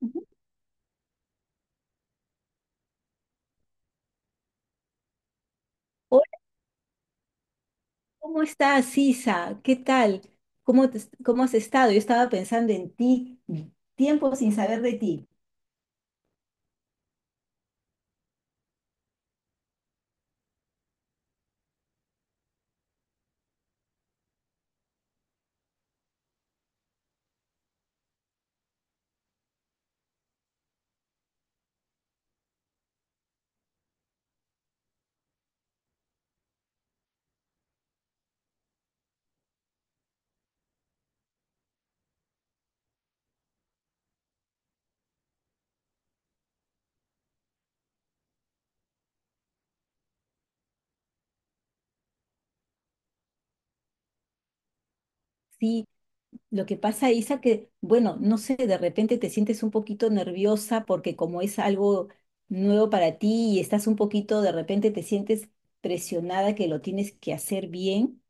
Ujú. Hola, ¿cómo estás, Sisa? ¿Qué tal? ¿Cómo, te- cómo has estado? Yo estaba pensando en ti, tiempo sin saber de ti. Sí. Lo que pasa, Isa, que, bueno, no sé, de repente te sientes un poquito nerviosa porque como es algo nuevo para ti y estás un poquito, de repente te sientes presionada que lo tienes que hacer bien,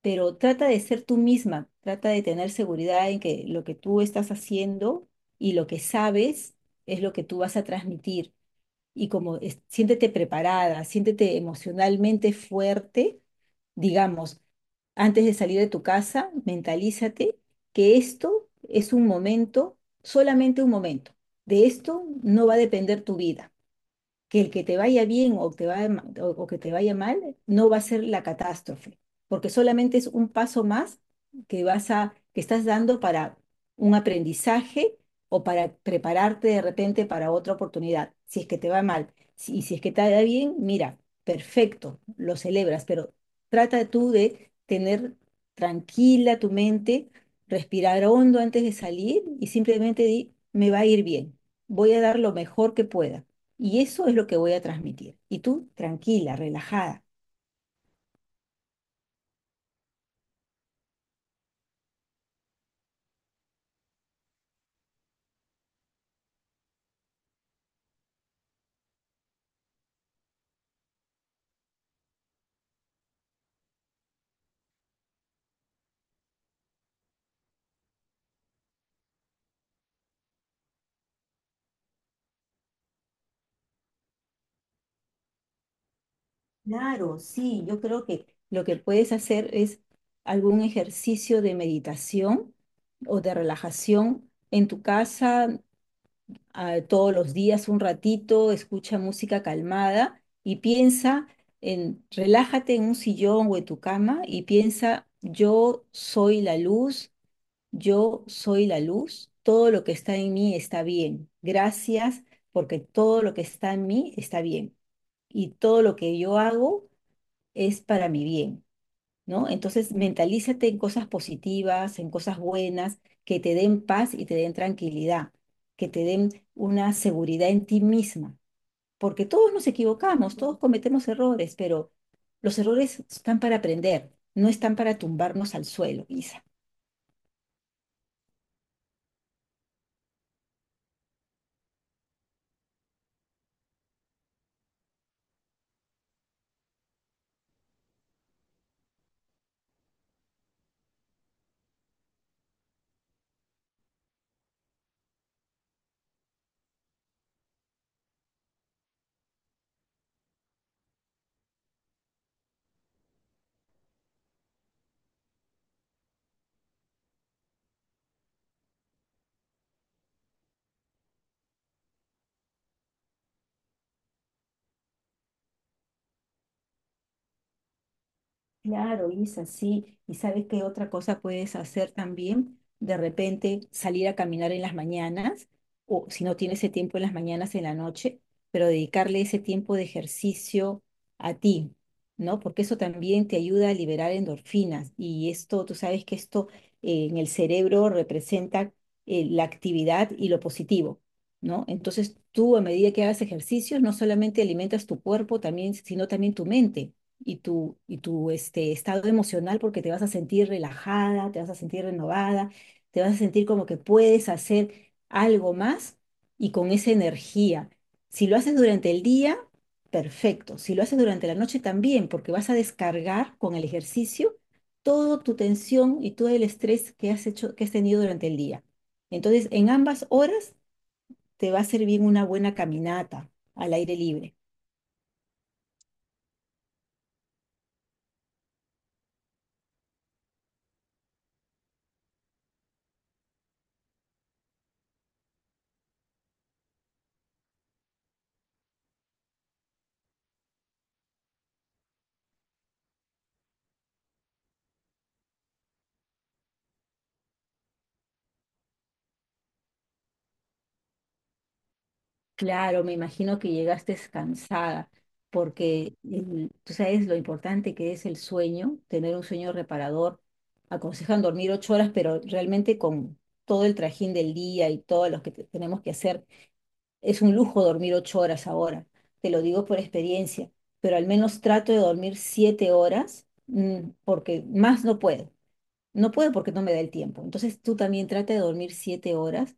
pero trata de ser tú misma, trata de tener seguridad en que lo que tú estás haciendo y lo que sabes es lo que tú vas a transmitir. Y siéntete preparada, siéntete emocionalmente fuerte, digamos, antes de salir de tu casa. Mentalízate que esto es un momento, solamente un momento. De esto no va a depender tu vida, que el que te vaya bien o, o que te vaya mal, no va a ser la catástrofe, porque solamente es un paso más que estás dando para un aprendizaje o para prepararte de repente para otra oportunidad. Si es que te va mal, y si es que te va bien, mira, perfecto, lo celebras. Pero trata tú de tener tranquila tu mente, respirar hondo antes de salir y simplemente di: me va a ir bien, voy a dar lo mejor que pueda. Y eso es lo que voy a transmitir. Y tú, tranquila, relajada. Claro, sí, yo creo que lo que puedes hacer es algún ejercicio de meditación o de relajación en tu casa, todos los días un ratito. Escucha música calmada y relájate en un sillón o en tu cama y piensa: yo soy la luz. Yo soy la luz, todo lo que está en mí está bien. Gracias, porque todo lo que está en mí está bien y todo lo que yo hago es para mi bien, ¿no? Entonces, mentalízate en cosas positivas, en cosas buenas, que te den paz y te den tranquilidad, que te den una seguridad en ti misma, porque todos nos equivocamos, todos cometemos errores, pero los errores están para aprender, no están para tumbarnos al suelo, Isa. Claro, Isa, sí. ¿Y sabes qué otra cosa puedes hacer también? De repente salir a caminar en las mañanas, o si no tienes ese tiempo en las mañanas, en la noche, pero dedicarle ese tiempo de ejercicio a ti, ¿no? Porque eso también te ayuda a liberar endorfinas. Y esto, tú sabes que esto, en el cerebro, representa la actividad y lo positivo, ¿no? Entonces tú, a medida que hagas ejercicios, no solamente alimentas tu cuerpo, también, sino también tu mente y tu estado emocional, porque te vas a sentir relajada, te vas a sentir renovada, te vas a sentir como que puedes hacer algo más y con esa energía. Si lo haces durante el día, perfecto. Si lo haces durante la noche también, porque vas a descargar con el ejercicio toda tu tensión y todo el estrés que has tenido durante el día. Entonces, en ambas horas te va a servir una buena caminata al aire libre. Claro, me imagino que llegaste cansada, porque tú sabes lo importante que es el sueño, tener un sueño reparador. Aconsejan dormir ocho horas, pero realmente con todo el trajín del día y todo lo que tenemos que hacer, es un lujo dormir ocho horas ahora. Te lo digo por experiencia, pero al menos trato de dormir siete horas, porque más no puedo. No puedo porque no me da el tiempo. Entonces tú también trata de dormir siete horas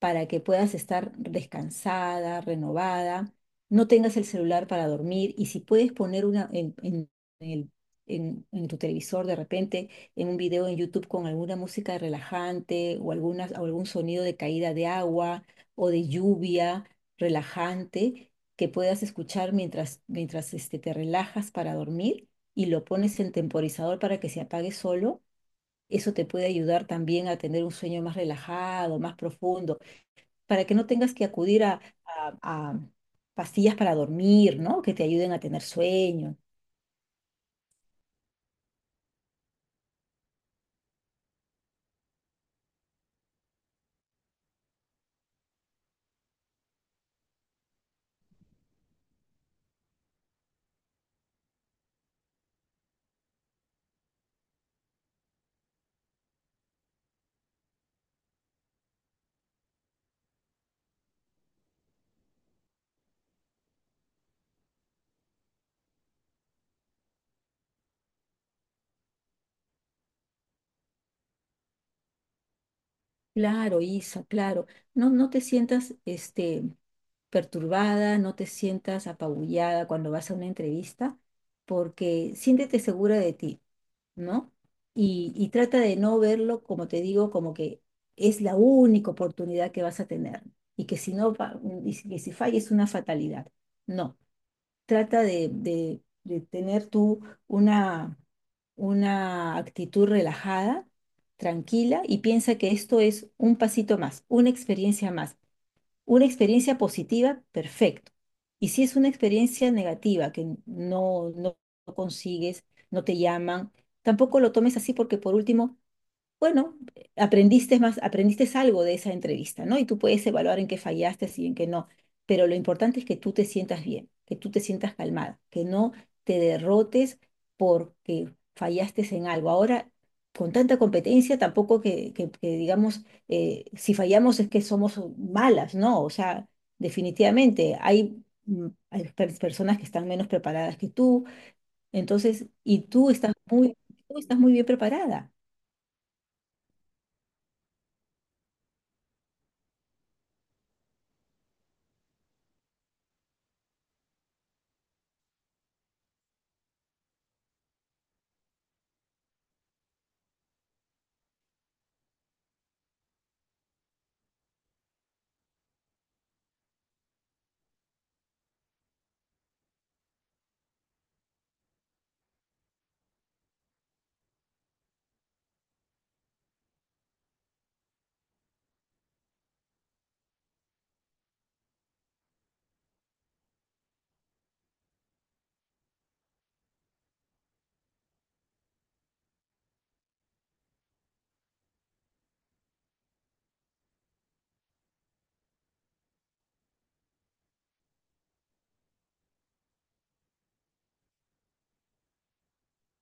para que puedas estar descansada, renovada. No tengas el celular para dormir, y si puedes poner una el- en tu televisor de repente, en un video en YouTube con alguna música relajante, o algún sonido de caída de agua o de lluvia relajante que puedas escuchar mientras, te relajas para dormir, y lo pones en temporizador para que se apague solo. Eso te puede ayudar también a tener un sueño más relajado, más profundo, para que no tengas que acudir a, pastillas para dormir, ¿no? Que te ayuden a tener sueño. Claro, Isa, claro. No, no te sientas perturbada, no te sientas apabullada cuando vas a una entrevista, porque siéntete segura de ti, ¿no? Y trata de no verlo, como te digo, como que es la única oportunidad que vas a tener y que si no, que si falla, es una fatalidad. No, trata de tener tú una una actitud relajada, tranquila, y piensa que esto es un pasito más, una experiencia más. Una experiencia positiva, perfecto. Y si es una experiencia negativa, que no, no consigues, no te llaman, tampoco lo tomes así, porque por último, bueno, aprendiste más, aprendiste algo de esa entrevista, ¿no? Y tú puedes evaluar en qué fallaste y en qué no. Pero lo importante es que tú te sientas bien, que tú te sientas calmada, que no te derrotes porque fallaste en algo. Ahora, con tanta competencia, tampoco que digamos, si fallamos es que somos malas, ¿no? O sea, definitivamente hay, hay personas que están menos preparadas que tú. Entonces, y tú estás muy bien preparada.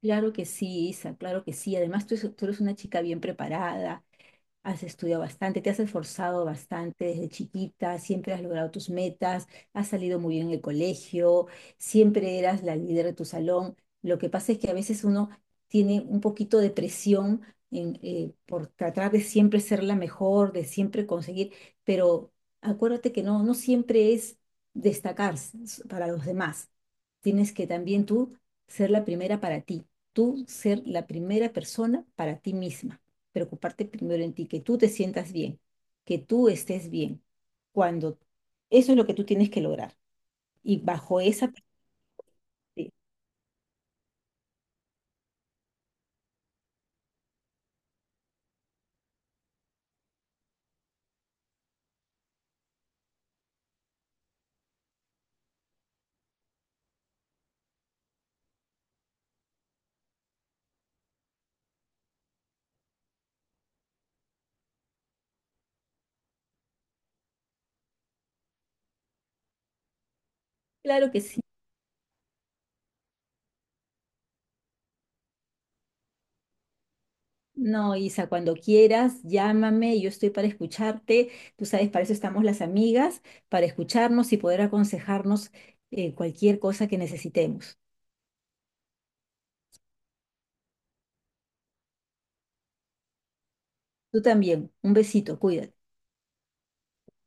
Claro que sí, Isa, claro que sí. Además, tú eres una chica bien preparada, has estudiado bastante, te has esforzado bastante desde chiquita, siempre has logrado tus metas, has salido muy bien en el colegio, siempre eras la líder de tu salón. Lo que pasa es que a veces uno tiene un poquito de presión por tratar de siempre ser la mejor, de siempre conseguir, pero acuérdate que no, no siempre es destacarse para los demás. Tienes que también tú ser la primera para ti, tú ser la primera persona para ti misma, preocuparte primero en ti, que tú te sientas bien, que tú estés bien. Cuando, eso es lo que tú tienes que lograr. Y bajo esa parte, claro que sí. No, Isa, cuando quieras, llámame, yo estoy para escucharte. Tú sabes, para eso estamos las amigas, para escucharnos y poder aconsejarnos cualquier cosa que necesitemos. Tú también, un besito, cuídate.